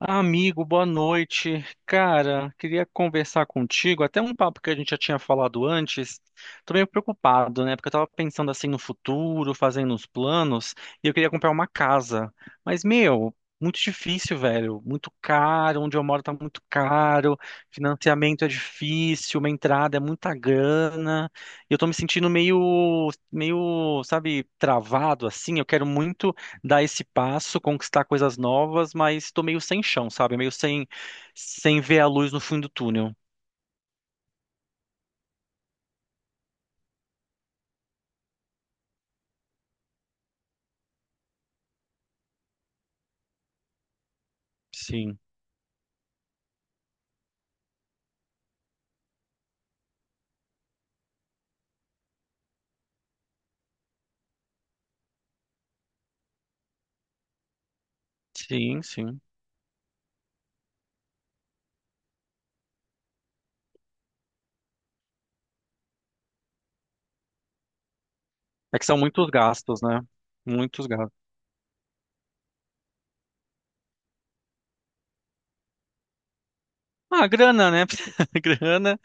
Amigo, boa noite. Cara, queria conversar contigo, até um papo que a gente já tinha falado antes. Tô meio preocupado, né? Porque eu tava pensando assim no futuro, fazendo os planos, e eu queria comprar uma casa. Mas, meu, muito difícil, velho. Muito caro, onde eu moro tá muito caro, financiamento é difícil, uma entrada é muita grana. E eu tô me sentindo meio, sabe, travado assim. Eu quero muito dar esse passo, conquistar coisas novas, mas tô meio sem chão, sabe? Meio sem ver a luz no fim do túnel. Sim, sim, sim. É que são muitos gastos, né? Muitos gastos. Ah, grana, né? Grana.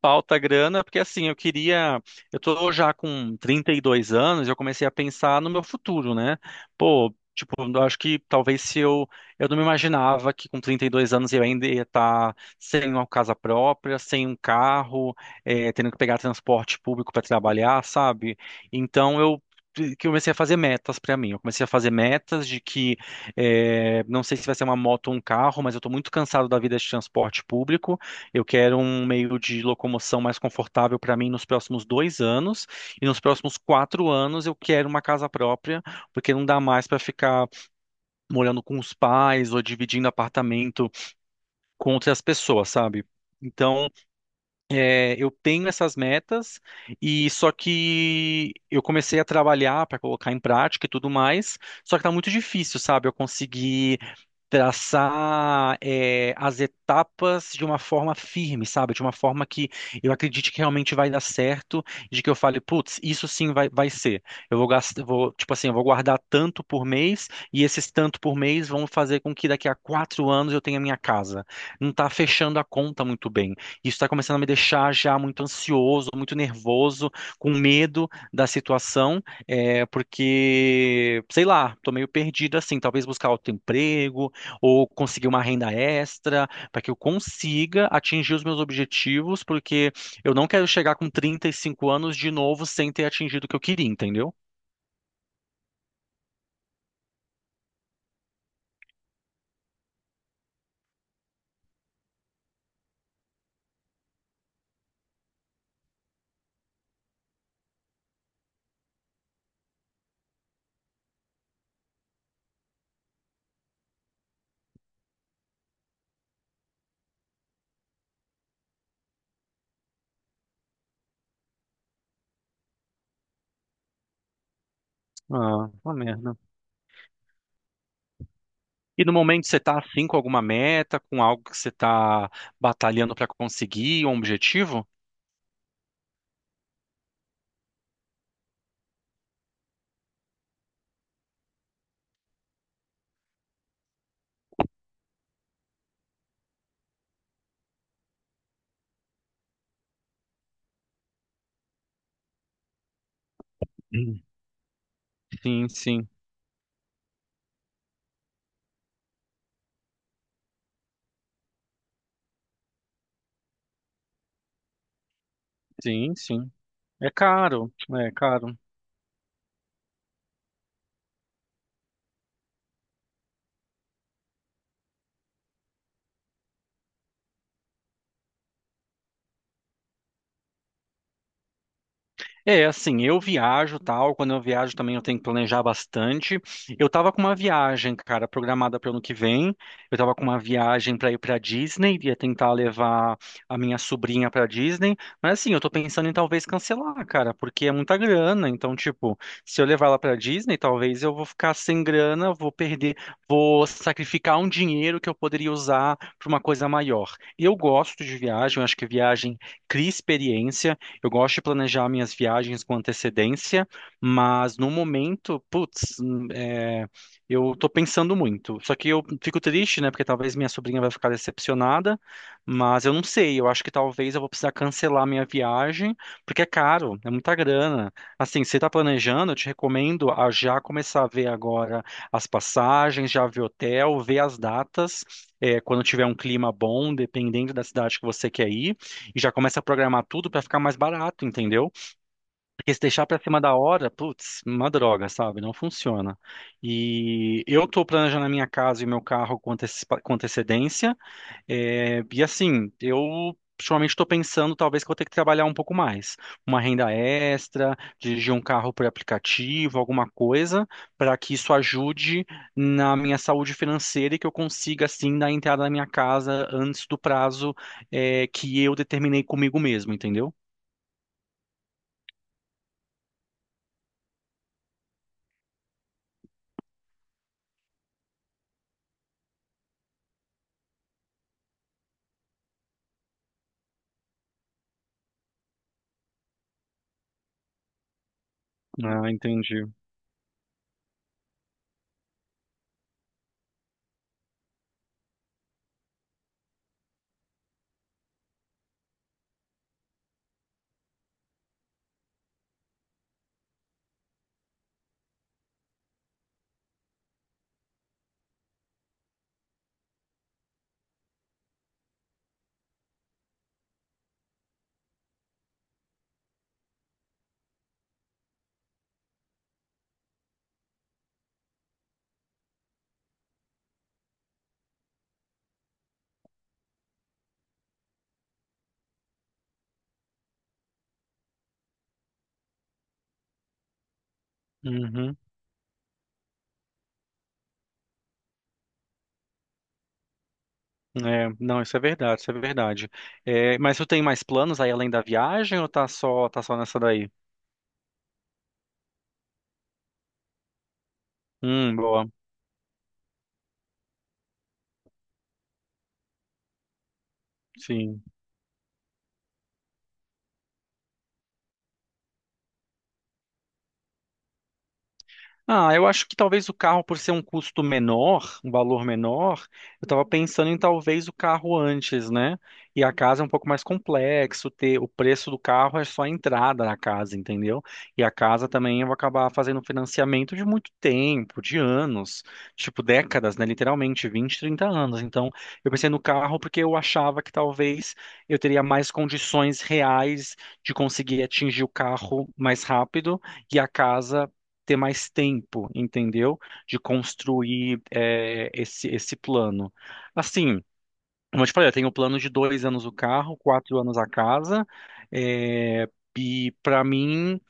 Falta grana, porque assim, eu queria. Eu tô já com 32 anos, eu comecei a pensar no meu futuro, né? Pô, tipo, eu acho que talvez se eu. Eu não me imaginava que com 32 anos eu ainda ia estar sem uma casa própria, sem um carro, tendo que pegar transporte público para trabalhar, sabe? Então eu. Que eu comecei a fazer metas para mim. Eu comecei a fazer metas de que não sei se vai ser uma moto ou um carro, mas eu estou muito cansado da vida de transporte público. Eu quero um meio de locomoção mais confortável para mim nos próximos dois anos. E nos próximos quatro anos eu quero uma casa própria, porque não dá mais para ficar morando com os pais ou dividindo apartamento com outras pessoas, sabe? Então, é, eu tenho essas metas e só que eu comecei a trabalhar para colocar em prática e tudo mais, só que tá muito difícil, sabe? Eu conseguir traçar é, as etapas de uma forma firme, sabe? De uma forma que eu acredite que realmente vai dar certo, de que eu fale, putz, isso sim vai ser. Eu vou gastar, vou, tipo assim, eu vou guardar tanto por mês e esses tanto por mês vão fazer com que daqui a quatro anos eu tenha minha casa. Não tá fechando a conta muito bem. Isso está começando a me deixar já muito ansioso, muito nervoso, com medo da situação, é, porque, sei lá, tô meio perdido assim, talvez buscar outro emprego, ou conseguir uma renda extra, para que eu consiga atingir os meus objetivos, porque eu não quero chegar com 35 anos de novo sem ter atingido o que eu queria, entendeu? Ah, uma merda. E no momento você tá assim com alguma meta, com algo que você tá batalhando para conseguir, um objetivo? Hum. Sim, sim, sim, sim. É caro, é caro. É, assim, eu viajo, tal, quando eu viajo também eu tenho que planejar bastante. Eu tava com uma viagem, cara, programada para o ano que vem. Eu tava com uma viagem para ir para Disney, ia tentar levar a minha sobrinha para Disney, mas assim, eu tô pensando em talvez cancelar, cara, porque é muita grana, então tipo, se eu levar ela para Disney, talvez eu vou ficar sem grana, vou perder, vou sacrificar um dinheiro que eu poderia usar para uma coisa maior. Eu gosto de viagem, eu acho que viagem cria experiência. Eu gosto de planejar minhas viagens com antecedência, mas no momento, putz, é, eu tô pensando muito. Só que eu fico triste, né? Porque talvez minha sobrinha vai ficar decepcionada, mas eu não sei. Eu acho que talvez eu vou precisar cancelar minha viagem, porque é caro, é muita grana. Assim, se você tá planejando, eu te recomendo a já começar a ver agora as passagens, já ver hotel, ver as datas. É, quando tiver um clima bom, dependendo da cidade que você quer ir e já começa a programar tudo para ficar mais barato, entendeu? Porque se deixar para cima da hora, putz, uma droga, sabe? Não funciona. E eu tô planejando a minha casa e o meu carro com com antecedência. É, e assim, eu ultimamente estou pensando talvez que eu vou ter que trabalhar um pouco mais. Uma renda extra, dirigir um carro por aplicativo, alguma coisa, para que isso ajude na minha saúde financeira e que eu consiga, assim, dar entrada na minha casa antes do prazo, é, que eu determinei comigo mesmo, entendeu? Ah, entendi. Uhum. É, não, isso é verdade, isso é verdade. É, mas tu tem mais planos aí além da viagem ou tá só nessa daí? Boa. Sim. Ah, eu acho que talvez o carro, por ser um custo menor, um valor menor, eu estava pensando em talvez o carro antes, né? E a casa é um pouco mais complexo, ter o preço do carro é só a entrada na casa, entendeu? E a casa também eu vou acabar fazendo financiamento de muito tempo, de anos, tipo décadas, né? Literalmente 20, 30 anos. Então, eu pensei no carro porque eu achava que talvez eu teria mais condições reais de conseguir atingir o carro mais rápido e a casa ter mais tempo, entendeu? De construir é, esse plano. Assim, como eu te falei, eu tenho o plano de dois anos o carro, quatro anos a casa, é, e para mim.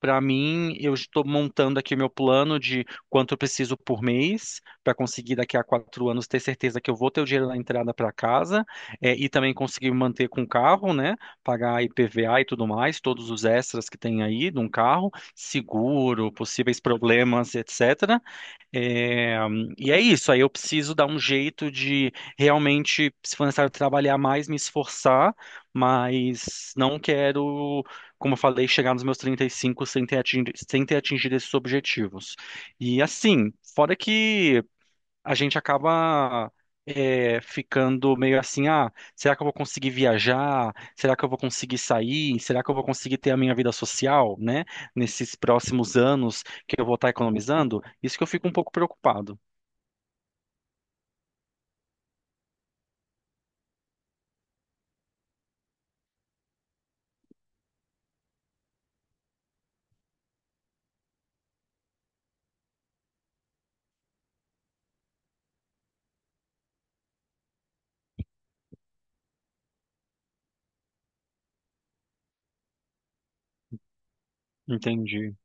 Para mim, eu estou montando aqui o meu plano de quanto eu preciso por mês para conseguir daqui a quatro anos ter certeza que eu vou ter o dinheiro na entrada para casa e também conseguir me manter com o carro, né? Pagar IPVA e tudo mais, todos os extras que tem aí de um carro, seguro, possíveis problemas, etc. É, e é isso, aí eu preciso dar um jeito de realmente, se for necessário trabalhar mais, me esforçar, mas não quero, como eu falei, chegar nos meus 35 sem ter atingido, sem ter atingido esses objetivos. E assim, fora que a gente acaba é, ficando meio assim, ah, será que eu vou conseguir viajar? Será que eu vou conseguir sair? Será que eu vou conseguir ter a minha vida social, né? Nesses próximos anos que eu vou estar economizando? Isso que eu fico um pouco preocupado. Entendi.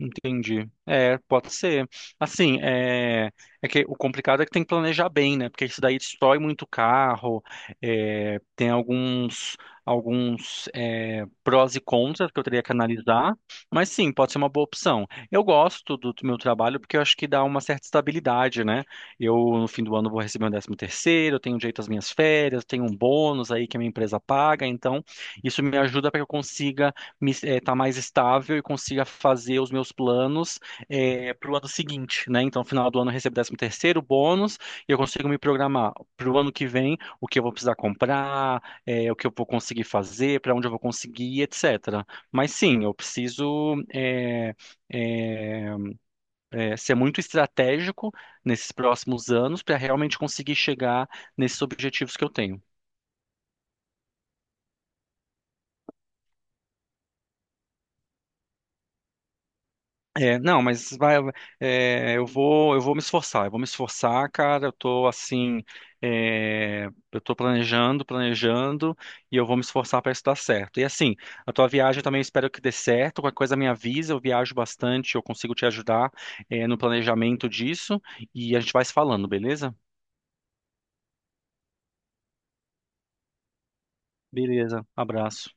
Entendi. É, pode ser. Assim, é, é que o complicado é que tem que planejar bem, né? Porque isso daí destrói muito o carro. É, tem alguns, alguns é, prós e contras que eu teria que analisar. Mas sim, pode ser uma boa opção. Eu gosto do meu trabalho porque eu acho que dá uma certa estabilidade, né? Eu, no fim do ano, vou receber um décimo terceiro, eu tenho direito às minhas férias, tenho um bônus aí que a minha empresa paga. Então, isso me ajuda para que eu consiga me, tá mais estável e consiga fazer os meus planos para o ano seguinte, né? Então, no final do ano eu recebo décimo terceiro bônus e eu consigo me programar para o ano que vem o que eu vou precisar comprar, o que eu vou conseguir fazer, para onde eu vou conseguir, etc. Mas sim, eu preciso eh, ser muito estratégico nesses próximos anos para realmente conseguir chegar nesses objetivos que eu tenho. É, não, mas vai, é, eu vou me esforçar, eu vou me esforçar, cara. Eu tô assim, é, eu tô planejando, e eu vou me esforçar para isso dar certo. E assim, a tua viagem eu também espero que dê certo. Qualquer coisa me avisa, eu viajo bastante, eu consigo te ajudar, é, no planejamento disso, e a gente vai se falando, beleza? Beleza, abraço.